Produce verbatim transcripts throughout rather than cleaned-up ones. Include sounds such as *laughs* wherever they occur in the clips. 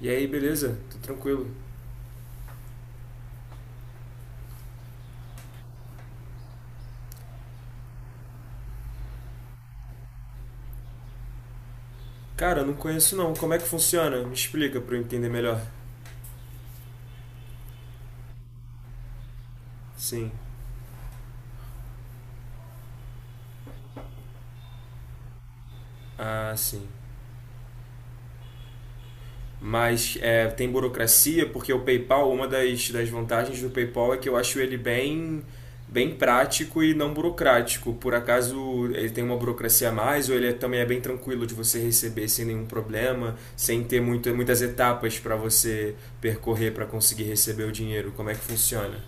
E aí, beleza? Tô tranquilo. Cara, eu não conheço não. Como é que funciona? Me explica pra eu entender melhor. Sim. Ah, sim. Mas é, tem burocracia, porque o PayPal, uma das, das vantagens do PayPal é que eu acho ele bem, bem prático e não burocrático. Por acaso ele tem uma burocracia a mais ou ele é- também é bem tranquilo de você receber sem nenhum problema, sem ter muito, muitas etapas para você percorrer para conseguir receber o dinheiro? Como é que funciona?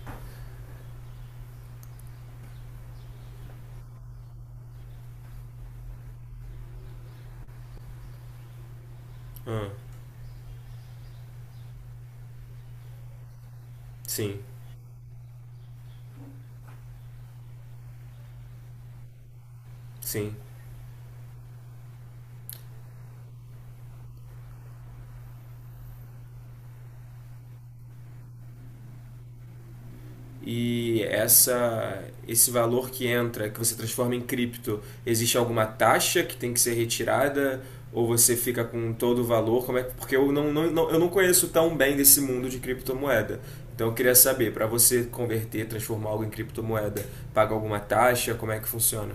Ah, sim, sim. E essa, esse valor que entra, que você transforma em cripto, existe alguma taxa que tem que ser retirada? Ou você fica com todo o valor? Como é, porque eu não, não, não- eu não conheço tão bem desse mundo de criptomoeda. Então eu queria saber, para você converter, transformar algo em criptomoeda, paga alguma taxa? Como é que funciona?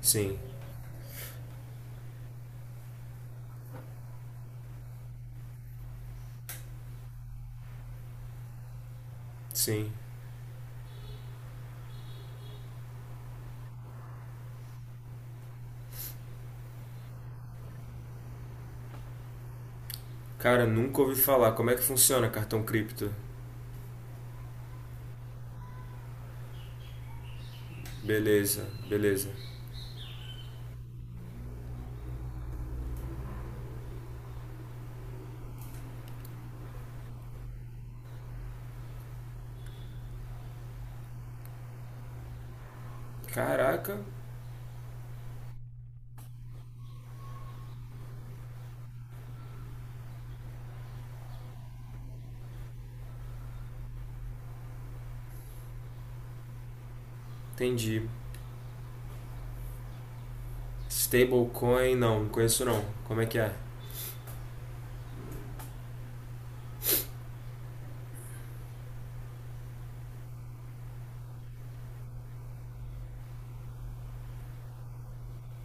Sim, sim. Cara, nunca ouvi falar. Como é que funciona cartão cripto? Beleza, beleza. Caraca, entendi. Stablecoin, não, não conheço não. Como é que é?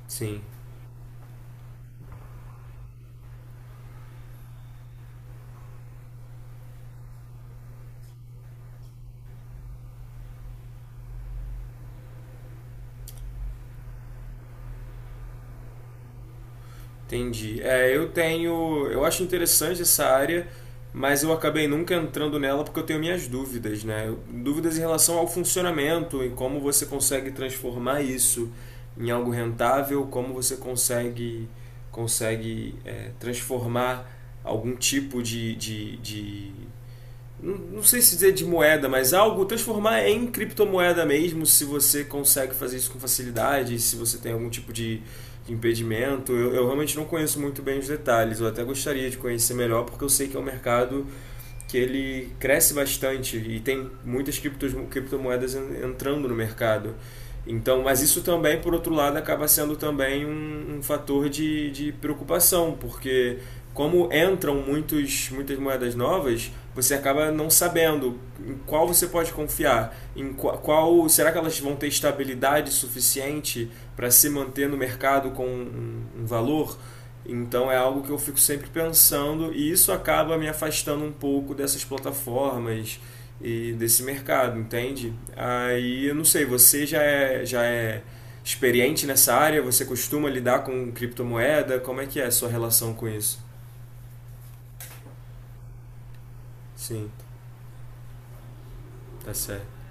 Sim, entendi. É, eu tenho, eu acho interessante essa área, mas eu acabei nunca entrando nela porque eu tenho minhas dúvidas, né? Eu- Dúvidas em relação ao funcionamento, em como você consegue transformar isso em algo rentável, como você consegue consegue é, transformar algum tipo de, de, de, não, não sei se dizer de moeda, mas algo transformar em criptomoeda mesmo, se você consegue fazer isso com facilidade, se você tem algum tipo de, de impedimento. Eu, eu realmente não conheço muito bem os detalhes, eu até gostaria de conhecer melhor, porque eu sei que é um mercado que ele cresce bastante e tem muitas criptos, criptomoedas entrando no mercado. Então, mas isso também, por outro lado, acaba sendo também um, um fator de, de preocupação, porque como entram muitos, muitas moedas novas, você acaba não sabendo em qual você pode confiar, em qua- qual, será que elas vão ter estabilidade suficiente para se manter no mercado com um, um valor? Então é algo que eu fico sempre pensando e isso acaba me afastando um pouco dessas plataformas e desse mercado, entende? Aí eu não sei, você já é, já é experiente nessa área? Você costuma lidar com criptomoeda? Como é que é a sua relação com isso? Sim, tá certo.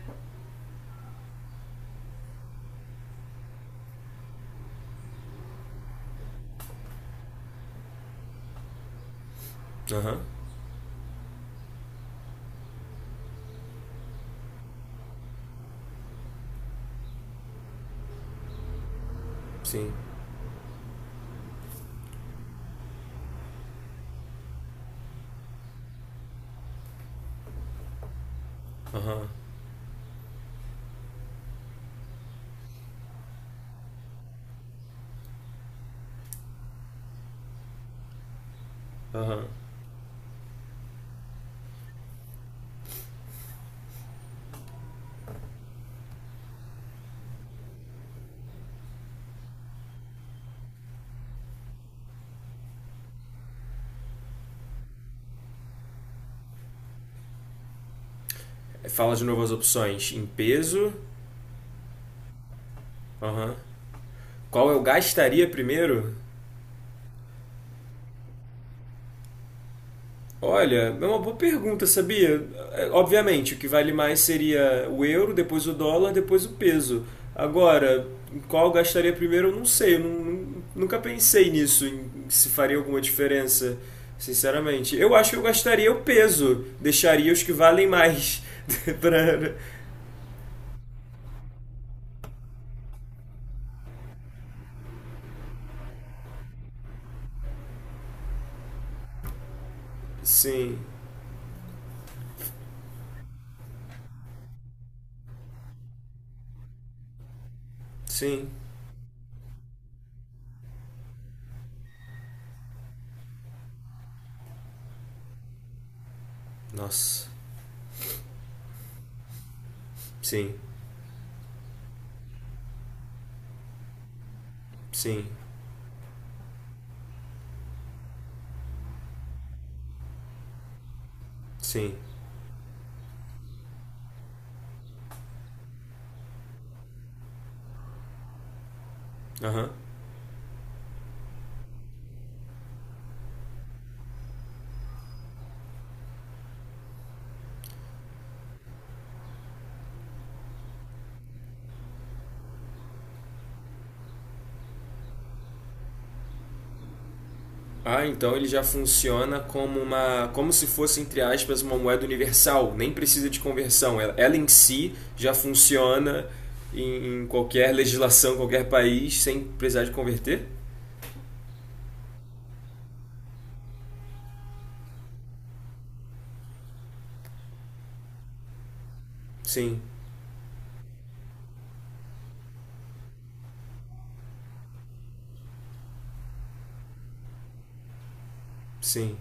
Aham, sim. Aham, aham. Fala de novo as opções. Em peso. Aham. Qual eu gastaria primeiro? Olha, é uma boa pergunta, sabia? É, obviamente, o que vale mais seria o euro, depois o dólar, depois o peso. Agora, em qual eu gastaria primeiro, eu não sei. Eu nun- nun- nunca pensei nisso, em se faria alguma diferença, sinceramente. Eu acho que eu gastaria o peso, deixaria os que valem mais. *laughs* pra... Sim, sim. Nossa, sim, sim, sim. Aham. Ah, então ele já funciona como uma, como se fosse entre aspas uma moeda universal. Nem precisa de conversão. Ela, ela em si já funciona em, em qualquer legislação, qualquer país, sem precisar de converter. Sim, sim.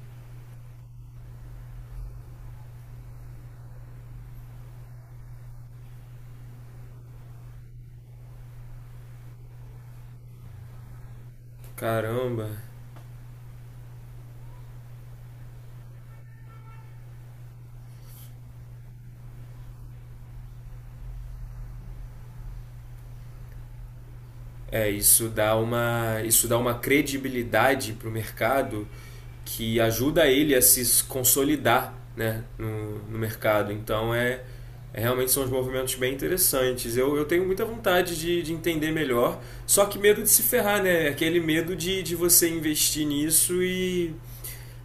Caramba. É, isso dá uma, isso dá uma credibilidade para o mercado que ajuda ele a se consolidar, né, no, no mercado. Então é, é, realmente são uns movimentos bem interessantes. Eu, eu tenho muita vontade de, de entender melhor, só que medo de se ferrar, né? Aquele medo de, de você investir nisso e,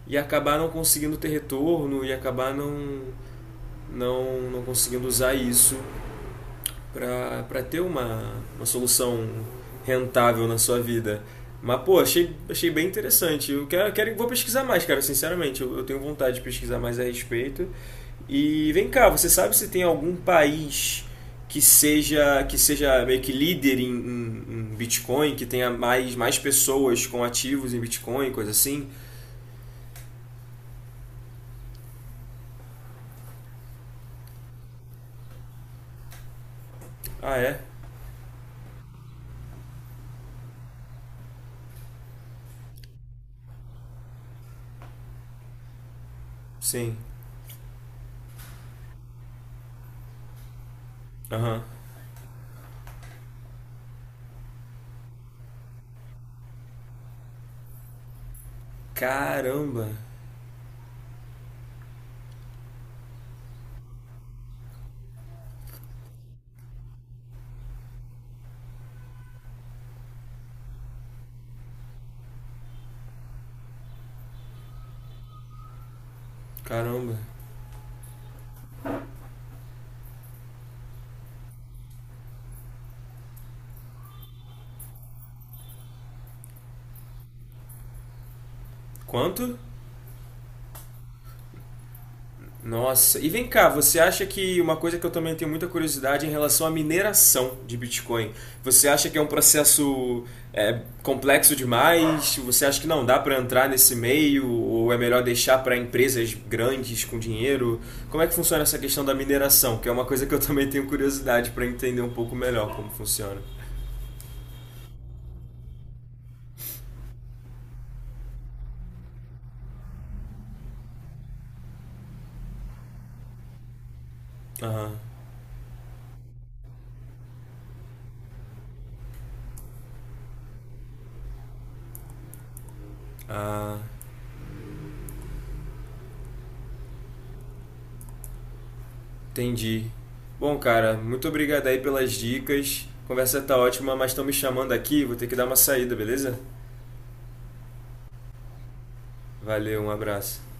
e acabar não conseguindo ter retorno e acabar não, não, não conseguindo usar isso para ter uma, uma solução rentável na sua vida. Mas, pô, achei, achei bem interessante. Eu quero, quero, vou pesquisar mais, cara, sinceramente. Eu, eu tenho vontade de pesquisar mais a respeito. E vem cá, você sabe se tem algum país que seja, que seja meio que líder em, em, em Bitcoin, que tenha mais, mais pessoas com ativos em Bitcoin, coisa assim? Ah, é? Sim. Aham. Caramba, caramba. Quanto? Nossa, e vem cá, você acha que uma coisa que eu também tenho muita curiosidade é em relação à mineração de Bitcoin, você acha que é um processo é, complexo demais? Você acha que não dá para entrar nesse meio ou é melhor deixar para empresas grandes com dinheiro? Como é que funciona essa questão da mineração? Que é uma coisa que eu também tenho curiosidade para entender um pouco melhor como funciona. Entendi. Bom, cara, muito obrigado aí pelas dicas. A conversa tá ótima, mas estão me chamando aqui, vou ter que dar uma saída, beleza? Valeu, um abraço.